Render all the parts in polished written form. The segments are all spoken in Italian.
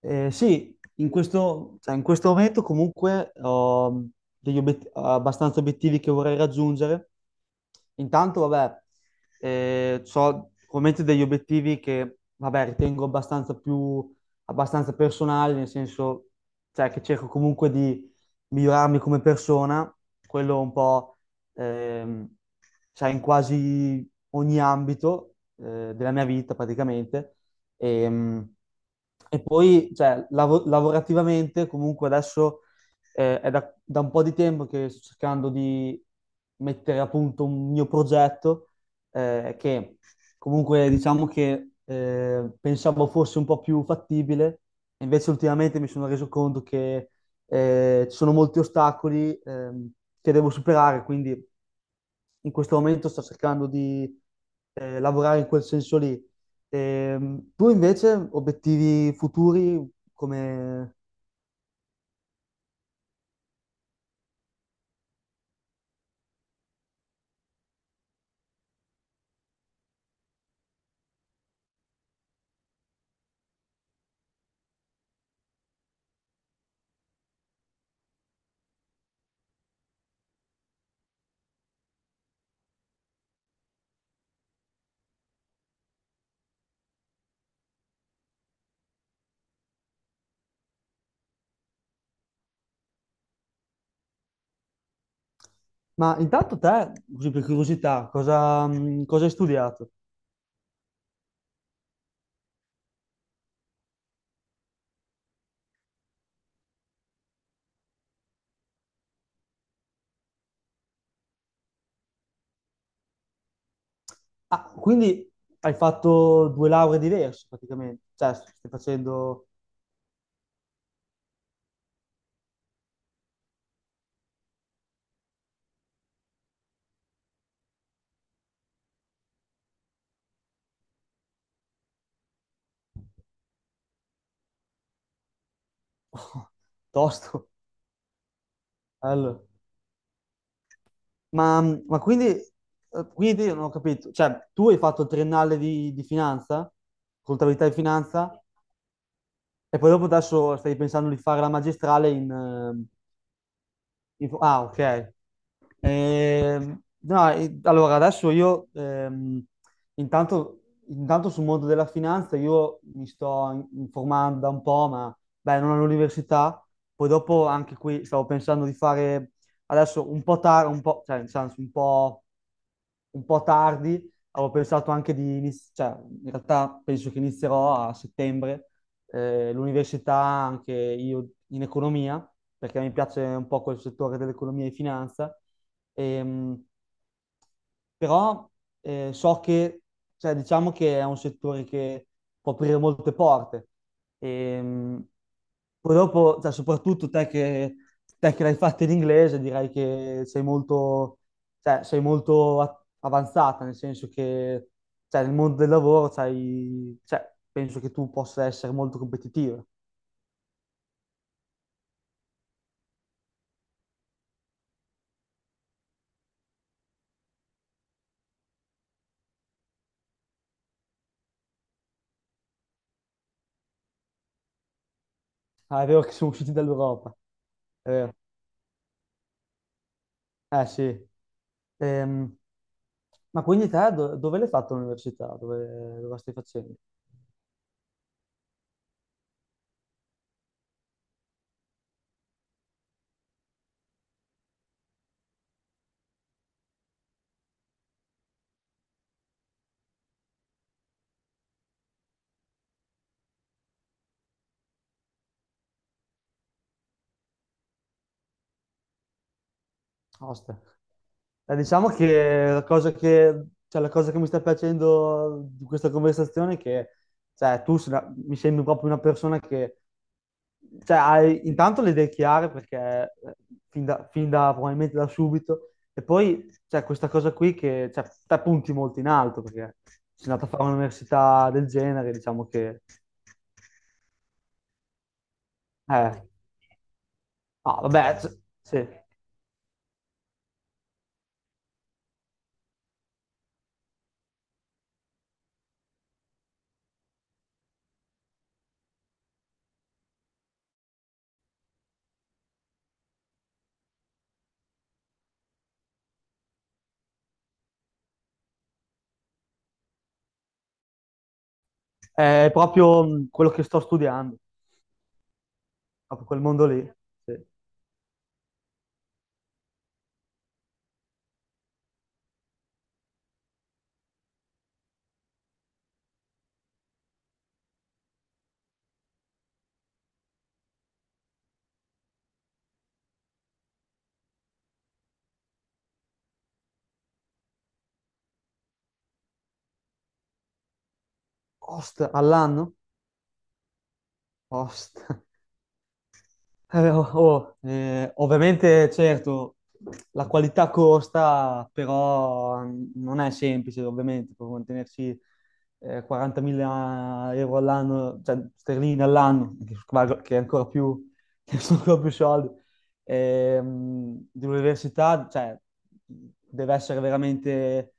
Sì, in questo, cioè, in questo momento comunque ho abbastanza obiettivi che vorrei raggiungere. Intanto, vabbè, ho ovviamente degli obiettivi che, vabbè, ritengo abbastanza personali, nel senso, cioè, che cerco comunque di migliorarmi come persona, quello un po', ehm, sai, in quasi ogni ambito, della mia vita praticamente. Ehm, E poi, cioè, lavorativamente, comunque adesso è da un po' di tempo che sto cercando di mettere a punto un mio progetto, che comunque diciamo che pensavo fosse un po' più fattibile, e invece ultimamente mi sono reso conto che ci sono molti ostacoli che devo superare, quindi in questo momento sto cercando di lavorare in quel senso lì. Tu invece, obiettivi futuri, come... Ma intanto te, così per curiosità, cosa, cosa hai studiato? Ah, quindi hai fatto due lauree diverse praticamente, cioè stai facendo tosto. Allora, ma quindi, quindi io non ho capito, cioè tu hai fatto il triennale di finanza, contabilità e finanza, e poi dopo adesso stai pensando di fare la magistrale in, ehm... Ah, ok. No, allora adesso io intanto, intanto sul mondo della finanza io mi sto informando da un po', ma beh, non all'università. Poi dopo anche qui stavo pensando di fare adesso un po' tardi, un po', cioè nel senso un po' tardi, avevo pensato anche di iniziare, cioè in realtà penso che inizierò a settembre l'università anche io in economia, perché mi piace un po' quel settore dell'economia e finanza. Ehm, Però so che, cioè, diciamo che è un settore che può aprire molte porte. Ehm, Poi dopo, cioè, soprattutto te che l'hai fatta in inglese, direi che sei molto, cioè, sei molto avanzata, nel senso che cioè, nel mondo del lavoro cioè, penso che tu possa essere molto competitiva. Ah, è vero che siamo usciti dall'Europa, è vero. Eh sì. Ehm, ma quindi te dove l'hai fatto l'università? Dove, dove la stai facendo? Ostia. Diciamo che cioè, la cosa che mi sta piacendo di questa conversazione è che cioè, tu se la- mi sembri proprio una persona che cioè, hai intanto le idee chiare perché probabilmente da subito, e poi c'è questa cosa qui che cioè, te punti molto in alto perché sei andato a fare un'università del genere, diciamo che... Eh, ah, vabbè, sì. È proprio quello che sto studiando, proprio quel mondo lì. Sì. Post all'anno? Post. Oh, oh, ovviamente, certo, la qualità costa, però non è semplice, ovviamente, per mantenersi 40.000 euro all'anno, cioè sterline all'anno, che, che è ancora più, che sono ancora più soldi, di università, cioè, deve essere veramente,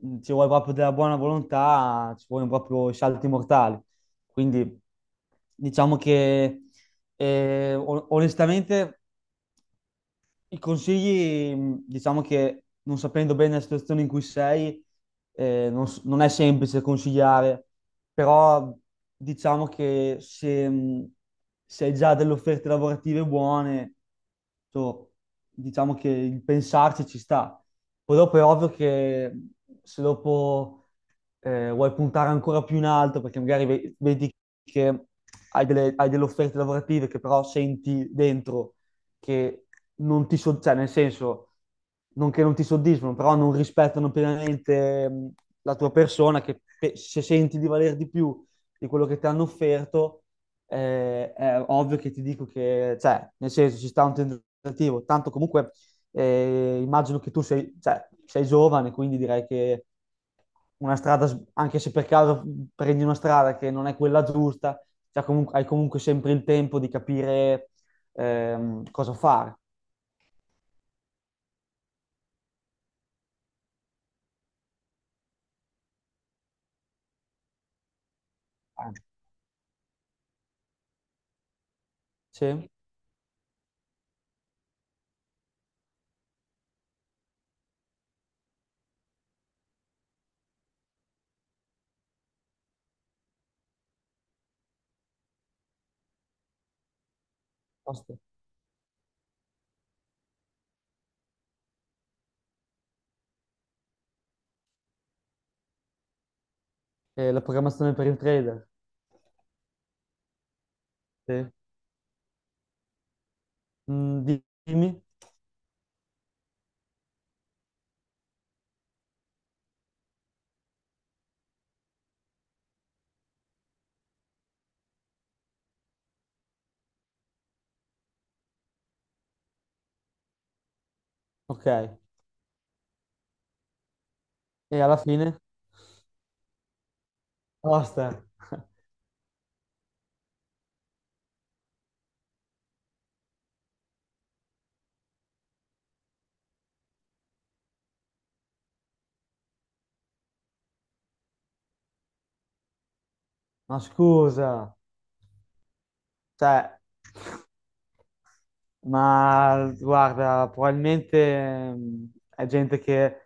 ci vuole proprio della buona volontà, ci vogliono proprio i salti mortali. Quindi diciamo che onestamente, i consigli, diciamo che non sapendo bene la situazione in cui sei, non è semplice consigliare, però diciamo che se, se hai già delle offerte lavorative buone, so, diciamo che il pensarci ci sta. Poi dopo è ovvio che se dopo vuoi puntare ancora più in alto perché magari vedi che hai delle offerte lavorative che però senti dentro che non ti soddisfano, cioè nel senso, non che non ti soddisfano, però non rispettano pienamente la tua persona, che se senti di valer di più di quello che ti hanno offerto, è ovvio che ti dico che, cioè, nel senso, ci sta un tentativo, tanto comunque immagino che tu sei, cioè, sei giovane, quindi direi che una strada, anche se per caso prendi una strada che non è quella giusta, cioè hai comunque sempre il tempo di capire cosa fare. Sì? Basta. E la programmazione per il trader? Sì. Mm, dimmi? Ok. E alla fine? Basta. Ma scusa, cioè... Ma guarda, probabilmente mh, è gente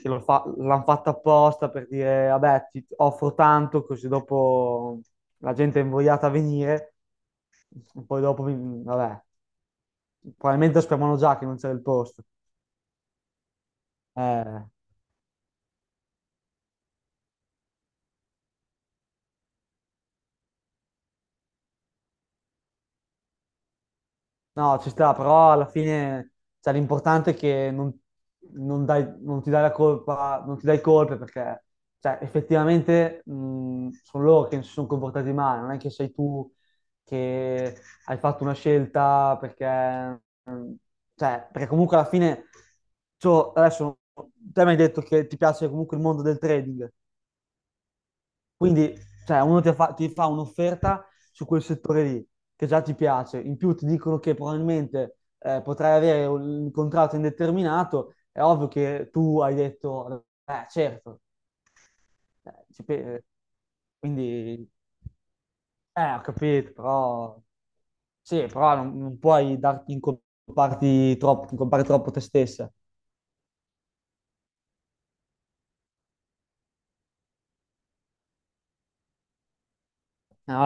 che lo fa, l'hanno fatta apposta per dire, vabbè, ti offro tanto, così dopo la gente è invogliata a venire, e poi dopo, vabbè, probabilmente sapevano già che non c'era il posto. Eh. No, ci sta, però alla fine cioè, l'importante è che non, non ti dai la colpa, non ti dai colpe perché cioè, effettivamente sono loro che si sono comportati male, non è che sei tu che hai fatto una scelta perché, mh, cioè, perché comunque alla fine cioè, adesso te mi hai detto che ti piace comunque il mondo del trading, quindi, cioè, ti fa un'offerta su quel settore lì, che già ti piace. In più ti dicono che probabilmente potrai avere un contratto indeterminato. È ovvio che tu hai detto, certo. Eh, ci pe- quindi, ho capito, però... Sì, però non puoi darti in comparti troppo, in troppo te stessa. Eh,